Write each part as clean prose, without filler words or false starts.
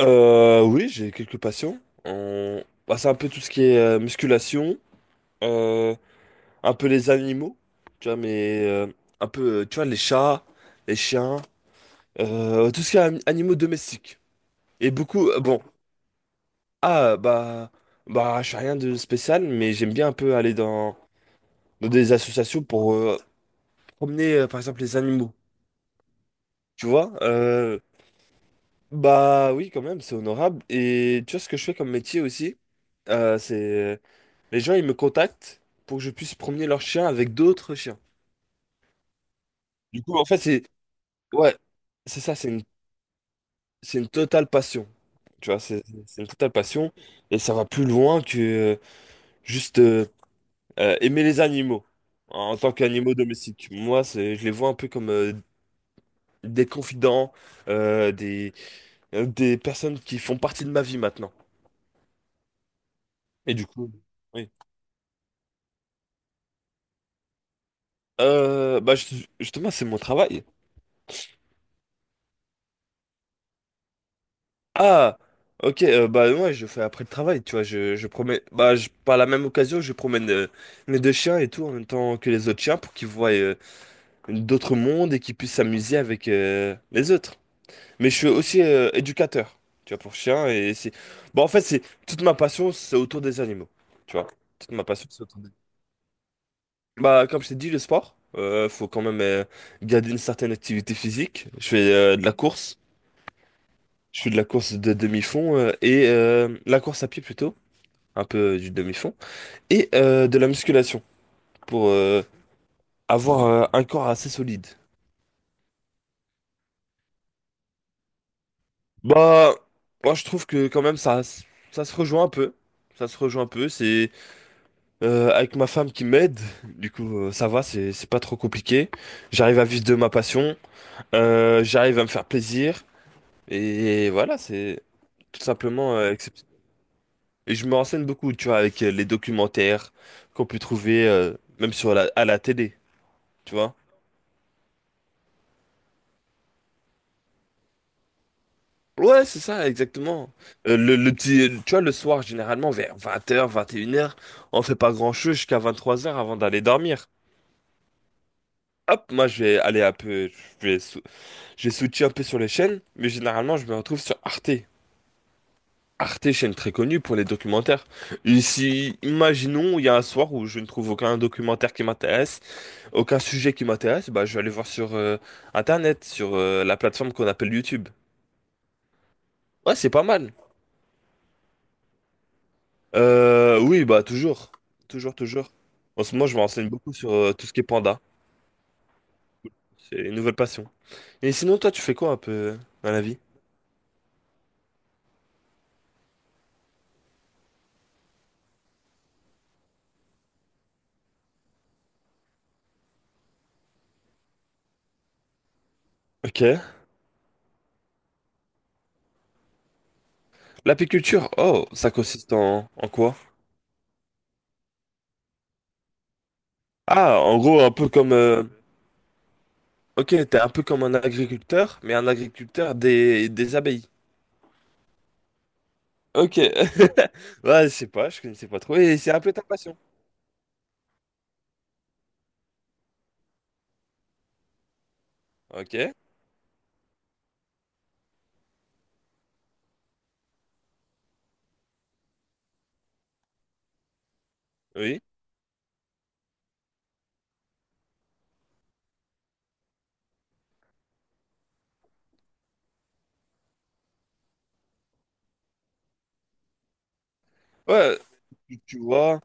Oui, j'ai quelques patients. Bah, c'est un peu tout ce qui est musculation, euh, un peu les animaux, tu vois, mais un peu, tu vois, les chats, les chiens, tout ce qui est animaux domestiques. Et beaucoup, bon, ah, bah, je fais rien de spécial, mais j'aime bien un peu aller dans, dans des associations pour promener, par exemple, les animaux, tu vois. Bah oui, quand même, c'est honorable. Et tu vois, ce que je fais comme métier aussi, c'est... Les gens, ils me contactent pour que je puisse promener leur chien avec d'autres chiens. Du coup, en fait, c'est... Ouais, c'est ça, c'est une totale passion. Tu vois, c'est une totale passion. Et ça va plus loin que juste aimer les animaux en tant qu'animaux domestiques. Moi, c'est, je les vois un peu comme des confidents, euh, des, des personnes qui font partie de ma vie maintenant. Et du coup, oui. Bah, justement, c'est mon travail. Ah, ok, bah moi je fais après le travail, tu vois, je promène, par la même occasion je promène mes deux chiens et tout en même temps que les autres chiens pour qu'ils voient d'autres mondes et qu'ils puissent s'amuser avec les autres. Mais je suis aussi éducateur, tu vois, pour chiens. Et c'est, bon en fait c'est, toute ma passion c'est autour des animaux, tu vois, toute ma passion c'est autour des... Bah comme je t'ai dit, le sport, faut quand même garder une certaine activité physique, je fais de la course. Je fais de la course de demi-fond et la course à pied plutôt. Un peu du demi-fond, et de la musculation pour avoir un corps assez solide. Bah, moi je trouve que quand même ça se rejoint un peu. Ça se rejoint un peu. C'est avec ma femme qui m'aide, du coup ça va, c'est pas trop compliqué. J'arrive à vivre de ma passion, j'arrive à me faire plaisir, et voilà, c'est tout simplement accepter. Et je me renseigne beaucoup, tu vois, avec les documentaires qu'on peut trouver même sur à la télé, tu vois. Ouais, c'est ça, exactement. Le petit, tu vois, le soir, généralement, vers 20 h 21 h, on fait pas grand-chose jusqu'à 23 h avant d'aller dormir. Hop, moi, je vais aller un peu, je vais, sou- je vais switcher un peu sur les chaînes, mais généralement, je me retrouve sur Arte. Arte, chaîne très connue pour les documentaires. Et si, imaginons, il y a un soir où je ne trouve aucun documentaire qui m'intéresse, aucun sujet qui m'intéresse, bah, je vais aller voir sur Internet, sur la plateforme qu'on appelle YouTube. Ouais, c'est pas mal. Oui, bah toujours, toujours, toujours. En ce moment, je me renseigne beaucoup sur tout ce qui est panda. C'est une nouvelle passion. Et sinon, toi, tu fais quoi un peu dans la vie? Ok. L'apiculture, oh, ça consiste en quoi? Ah, en gros, un peu comme... Ok, t'es un peu comme un agriculteur, mais un agriculteur des abeilles. Ok. Ouais, je sais pas, je connaissais pas trop. Et c'est un peu ta passion. Ok, oui. Ouais, tu vois.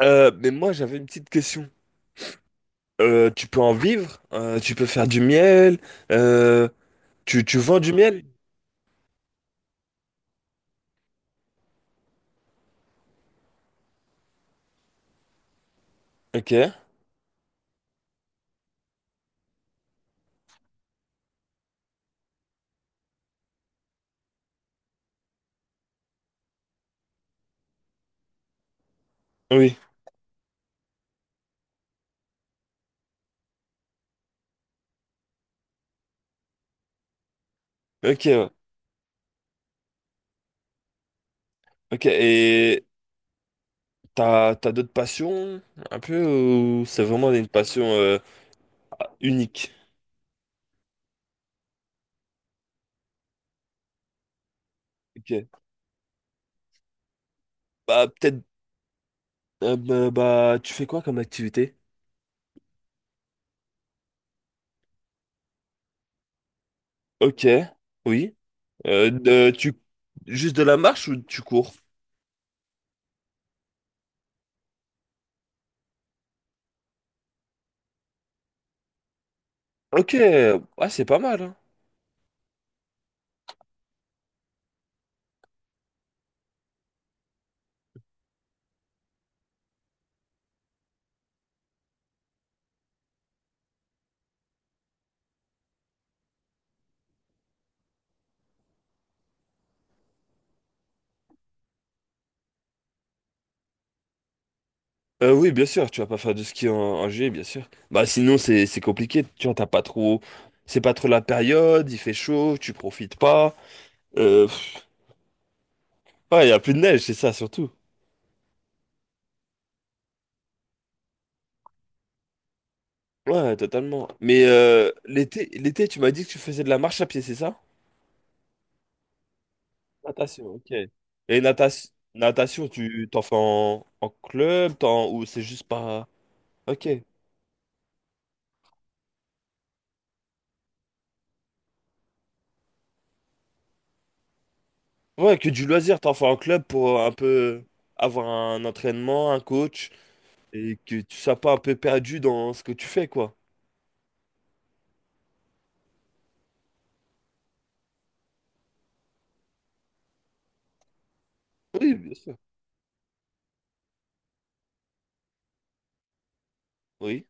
Mais moi, j'avais une petite question. Tu peux en vivre, tu peux faire du miel, euh, tu vends du miel? Ok, oui, ok, ouais. Ok, et t'as d'autres passions un peu ou c'est vraiment une passion unique? Ok, bah peut-être, bah, tu fais quoi comme activité? Ok, oui, Euh, de- tu, juste de la marche ou tu cours? Ok, ah, c'est pas mal, hein. Oui, bien sûr, tu vas pas faire de ski en juillet, bien sûr. Bah sinon c'est compliqué, tu vois, t'as pas trop, c'est pas trop la période, il fait chaud, tu profites pas. Euh, pff, ouais, y a plus de neige, c'est ça surtout. Ouais, totalement. Mais l'été, tu m'as dit que tu faisais de la marche à pied, c'est ça? Natation, ok. Et natation, tu t'en fais en club, ou c'est juste pas... Ok. Ouais, que du loisir, t'en fais en club pour un peu avoir un entraînement, un coach. Et que tu sois pas un peu perdu dans ce que tu fais, quoi. Oui, bien sûr. Oui,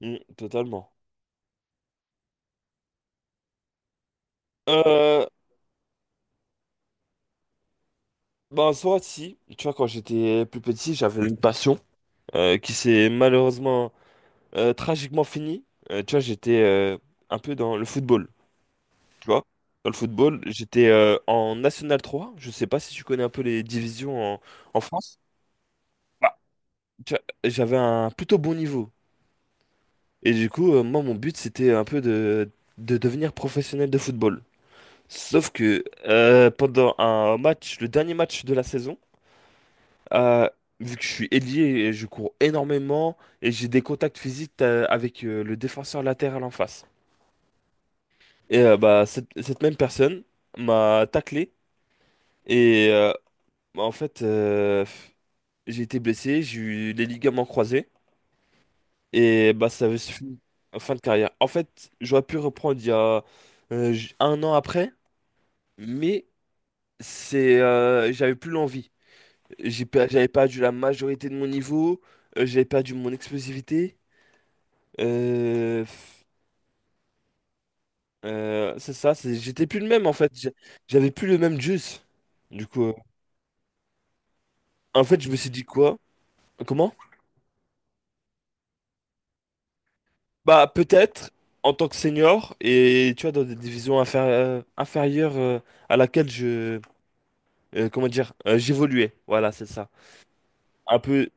Mm, totalement. Euh, Bah, en soi, si. Tu vois, quand j'étais plus petit, j'avais une passion qui s'est malheureusement, tragiquement finie. Tu vois, j'étais un peu dans le football, tu vois. Dans le football, j'étais en National 3. Je sais pas si tu connais un peu les divisions en, France. Bah, tu vois, j'avais un plutôt bon niveau. Et du coup, moi, mon but, c'était un peu de devenir professionnel de football. Sauf que pendant un match, le dernier match de la saison, euh, vu que je suis ailier, et je cours énormément et j'ai des contacts physiques avec le défenseur latéral en face. Bah cette même personne m'a taclé et bah, en fait j'ai été blessé, j'ai eu les ligaments croisés et bah ça avait suffi en fin de carrière. En fait, j'aurais pu reprendre il y a un an après, mais c'est j'avais plus l'envie. J'avais perdu la majorité de mon niveau, j'avais perdu mon explosivité. Euh, f- c'est ça, j'étais plus le même en fait. J'avais plus le même juice. Du coup, en fait, je me suis dit quoi? Comment? Bah, peut-être en tant que senior et tu vois, dans des divisions inférieures à laquelle je. Comment dire? J'évoluais. Voilà, c'est ça. Un peu.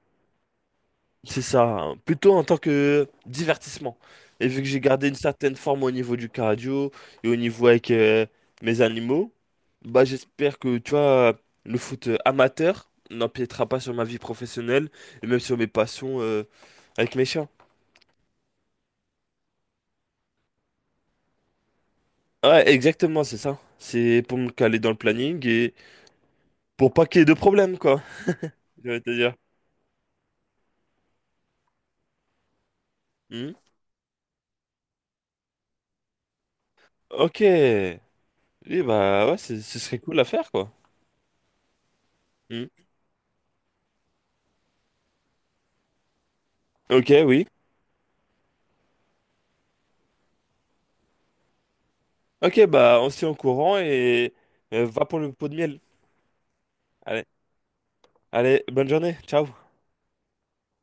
C'est ça, plutôt en tant que divertissement. Et vu que j'ai gardé une certaine forme au niveau du cardio et au niveau avec mes animaux, bah j'espère que tu vois, le foot amateur n'empiétera pas sur ma vie professionnelle et même sur mes passions avec mes chiens. Ouais, exactement, c'est ça. C'est pour me caler dans le planning et pour pas qu'il y ait de problème, quoi. Je vais te dire. Hmm. Ok. Oui, bah ouais, ce serait cool à faire, quoi. Hmm. Ok, oui. Ok, bah on se tient au courant et va pour le pot de miel. Allez, allez, bonne journée, ciao.